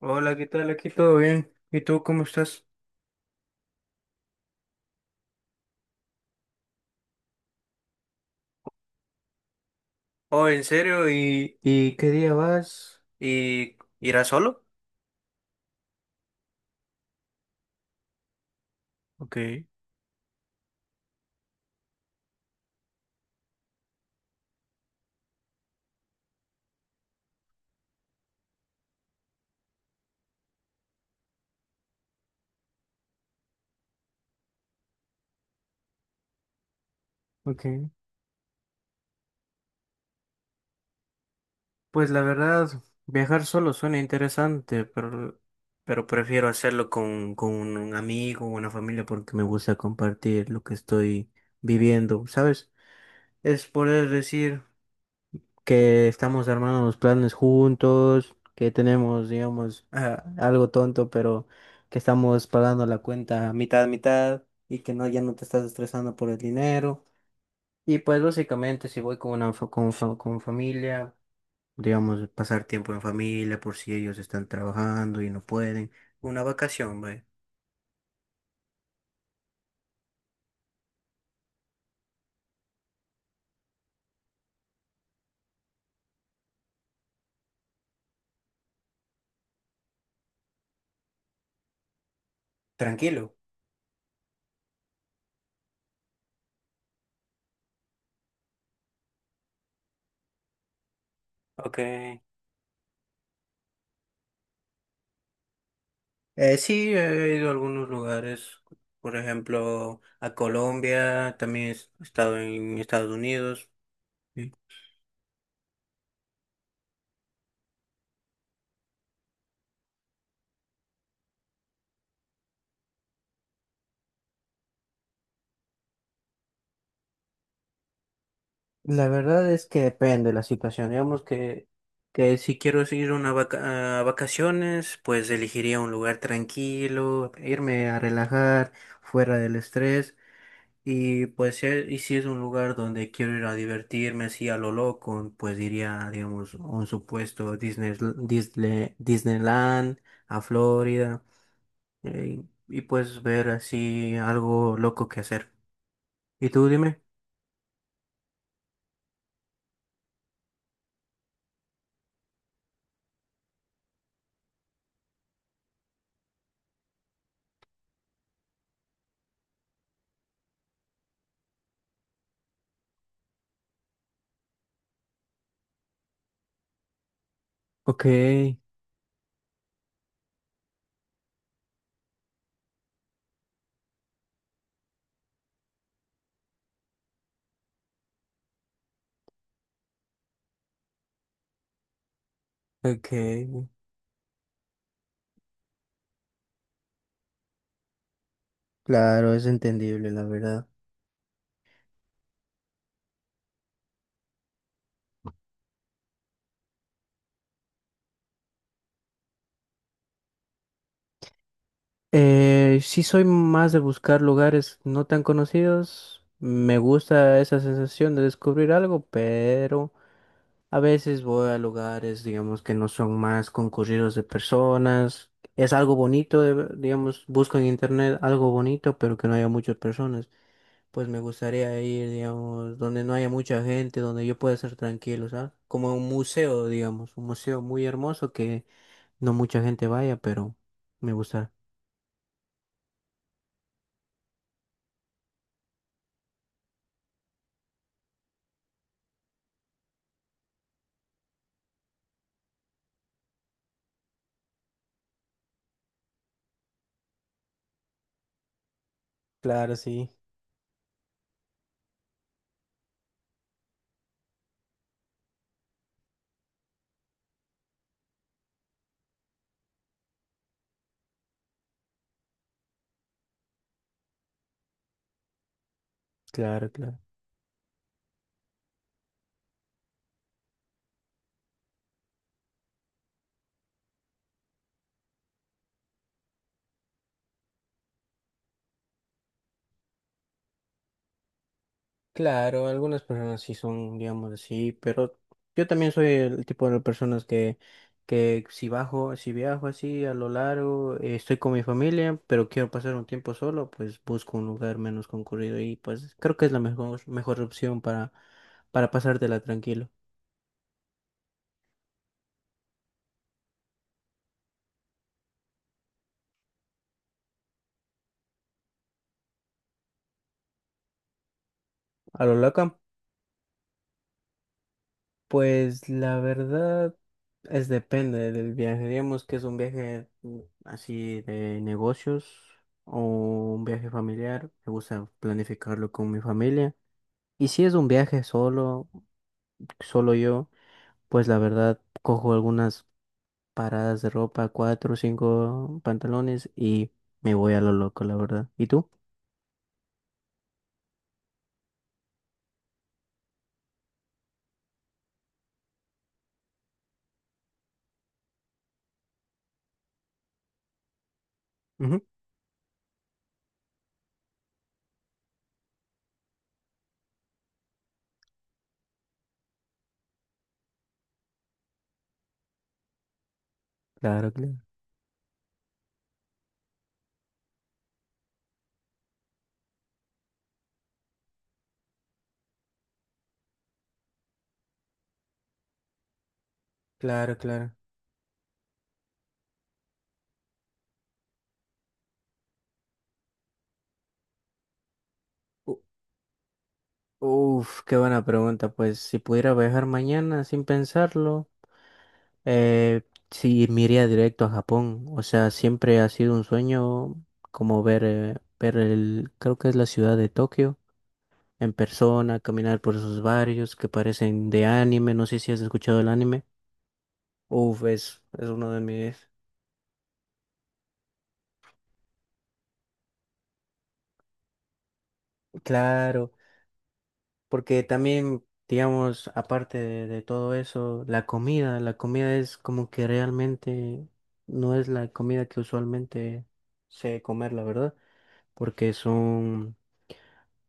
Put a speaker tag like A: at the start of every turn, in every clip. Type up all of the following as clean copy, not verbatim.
A: Hola, ¿qué tal? Aquí todo bien. ¿Y tú cómo estás? Oh, ¿en serio? ¿Y qué día vas? ¿Y irás solo? Ok, ok. Pues la verdad, viajar solo suena interesante, pero prefiero hacerlo con un amigo o una familia porque me gusta compartir lo que estoy viviendo, ¿sabes? Es poder decir que estamos armando los planes juntos, que tenemos, digamos, ah, algo tonto, pero que estamos pagando la cuenta mitad a mitad y que no, ya no te estás estresando por el dinero. Y pues básicamente si voy con una con familia, digamos, pasar tiempo en familia por si ellos están trabajando y no pueden, una vacación, güey. Tranquilo. Ok. Sí, he ido a algunos lugares, por ejemplo, a Colombia, también he estado en Estados Unidos. Sí. La verdad es que depende de la situación. Digamos que si quiero ir una a vacaciones, pues elegiría un lugar tranquilo, irme a relajar, fuera del estrés. Y pues si y si es un lugar donde quiero ir a divertirme así a lo loco, pues iría, digamos, a un supuesto Disneyland, a Florida, y pues ver así algo loco que hacer. ¿Y tú dime? Ok, ok, claro, es entendible, la verdad. Sí soy más de buscar lugares no tan conocidos. Me gusta esa sensación de descubrir algo, pero a veces voy a lugares, digamos, que no son más concurridos de personas. Es algo bonito, digamos, busco en internet algo bonito, pero que no haya muchas personas. Pues me gustaría ir, digamos, donde no haya mucha gente, donde yo pueda ser tranquilo, ¿sabes? Como un museo, digamos, un museo muy hermoso que no mucha gente vaya, pero me gusta. Claro, sí, claro, claro. Claro, algunas personas sí son, digamos así, pero yo también soy el tipo de personas que si bajo, si viajo así a lo largo, estoy con mi familia, pero quiero pasar un tiempo solo, pues busco un lugar menos concurrido y pues creo que es la mejor opción para pasártela tranquilo. A lo loca. Pues la verdad es depende del viaje. Digamos que es un viaje así de negocios o un viaje familiar. Me gusta planificarlo con mi familia. Y si es un viaje solo, solo yo, pues la verdad cojo algunas paradas de ropa, cuatro o cinco pantalones y me voy a lo loco, la verdad. ¿Y tú? Ujú. Claro, claro. Claro, claro. U- Uf, qué buena pregunta. Pues si pudiera viajar mañana sin pensarlo. Eh, sí, me iría directo a Japón. O sea, siempre ha sido un sueño como ver, ver el, creo que es la ciudad de Tokio en persona, caminar por esos barrios que parecen de anime. No sé si has escuchado el anime. Uf, es uno de mis... Claro, porque también, digamos, aparte de todo eso, la comida es como que realmente no es la comida que usualmente sé comer, la verdad, porque son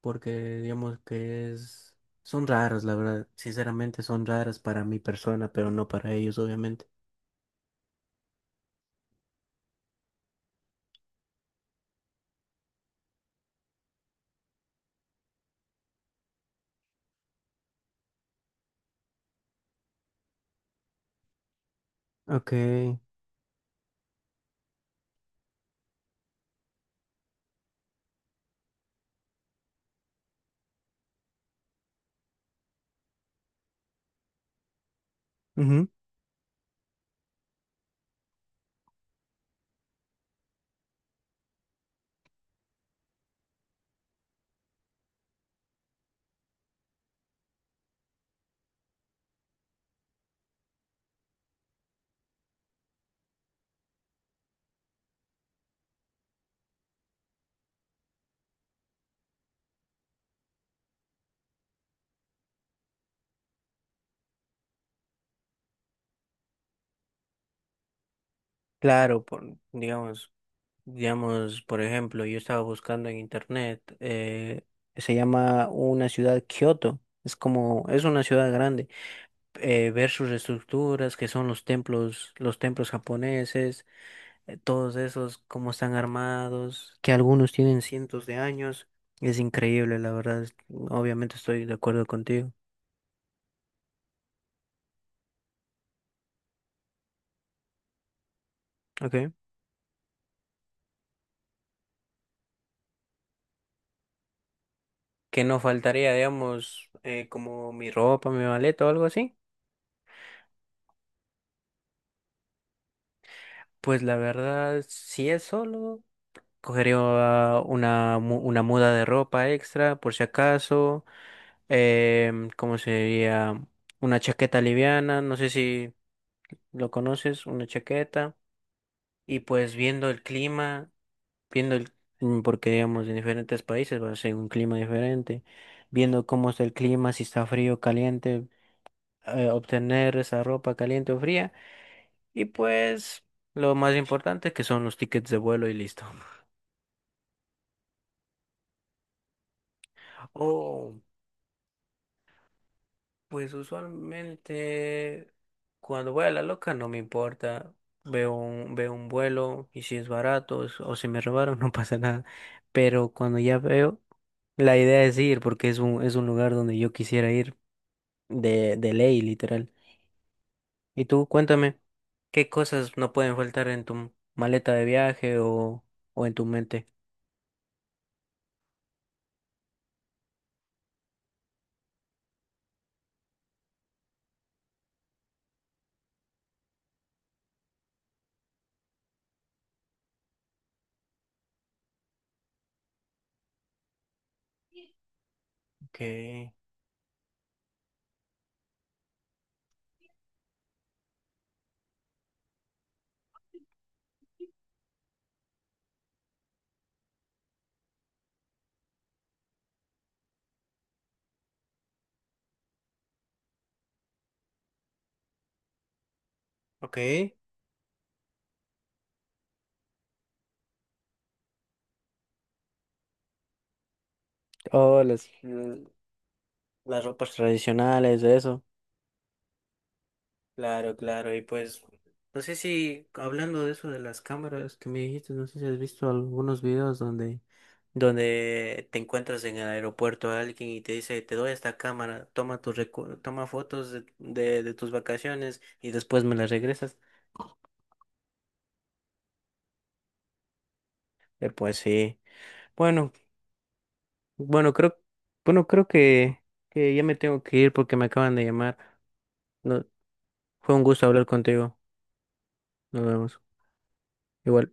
A: porque digamos que es, son raras, la verdad, sinceramente son raras para mi persona, pero no para ellos, obviamente. Ok, ujú, claro, digamos, digamos, por ejemplo, yo estaba buscando en internet, se llama una ciudad Kioto, es como, es una ciudad grande, ver sus estructuras, que son los templos japoneses, todos esos, cómo están armados, que algunos tienen cientos de años. Es increíble, la verdad. Obviamente estoy de acuerdo contigo. Okay. Que no faltaría, digamos, como mi ropa, mi maleta o algo así. Pues la verdad, si es solo, cogería una muda de ropa extra, por si acaso. ¿Cómo se diría? Una chaqueta liviana, no sé si lo conoces, una chaqueta. Y pues viendo el clima, viendo el, mm, porque digamos en diferentes países va a ser un clima diferente, viendo cómo está el clima, si está frío o caliente, obtener esa ropa caliente o fría, y pues lo más importante que son los tickets de vuelo y listo. Oh, pues usualmente cuando voy a la loca no me importa. Veo un vuelo y si es barato o si me robaron no pasa nada. Pero cuando ya veo, la idea es ir porque es un lugar donde yo quisiera ir. De ley, literal. Y tú, cuéntame, ¿qué cosas no pueden faltar en tu maleta de viaje o en tu mente? Okay, okay. Oh, las, mm, las ropas tradicionales, eso. Claro, claro. Y pues, no sé si hablando de eso de las cámaras que me dijiste, no sé si has visto algunos videos donde, donde te encuentras en el aeropuerto a alguien y te dice, te doy esta cámara, toma tus toma fotos de tus vacaciones y después me las regresas. Pues sí. Bueno, bueno, creo, bueno, creo que ya me tengo que ir porque me acaban de llamar. No, fue un gusto hablar contigo. Nos vemos. Igual.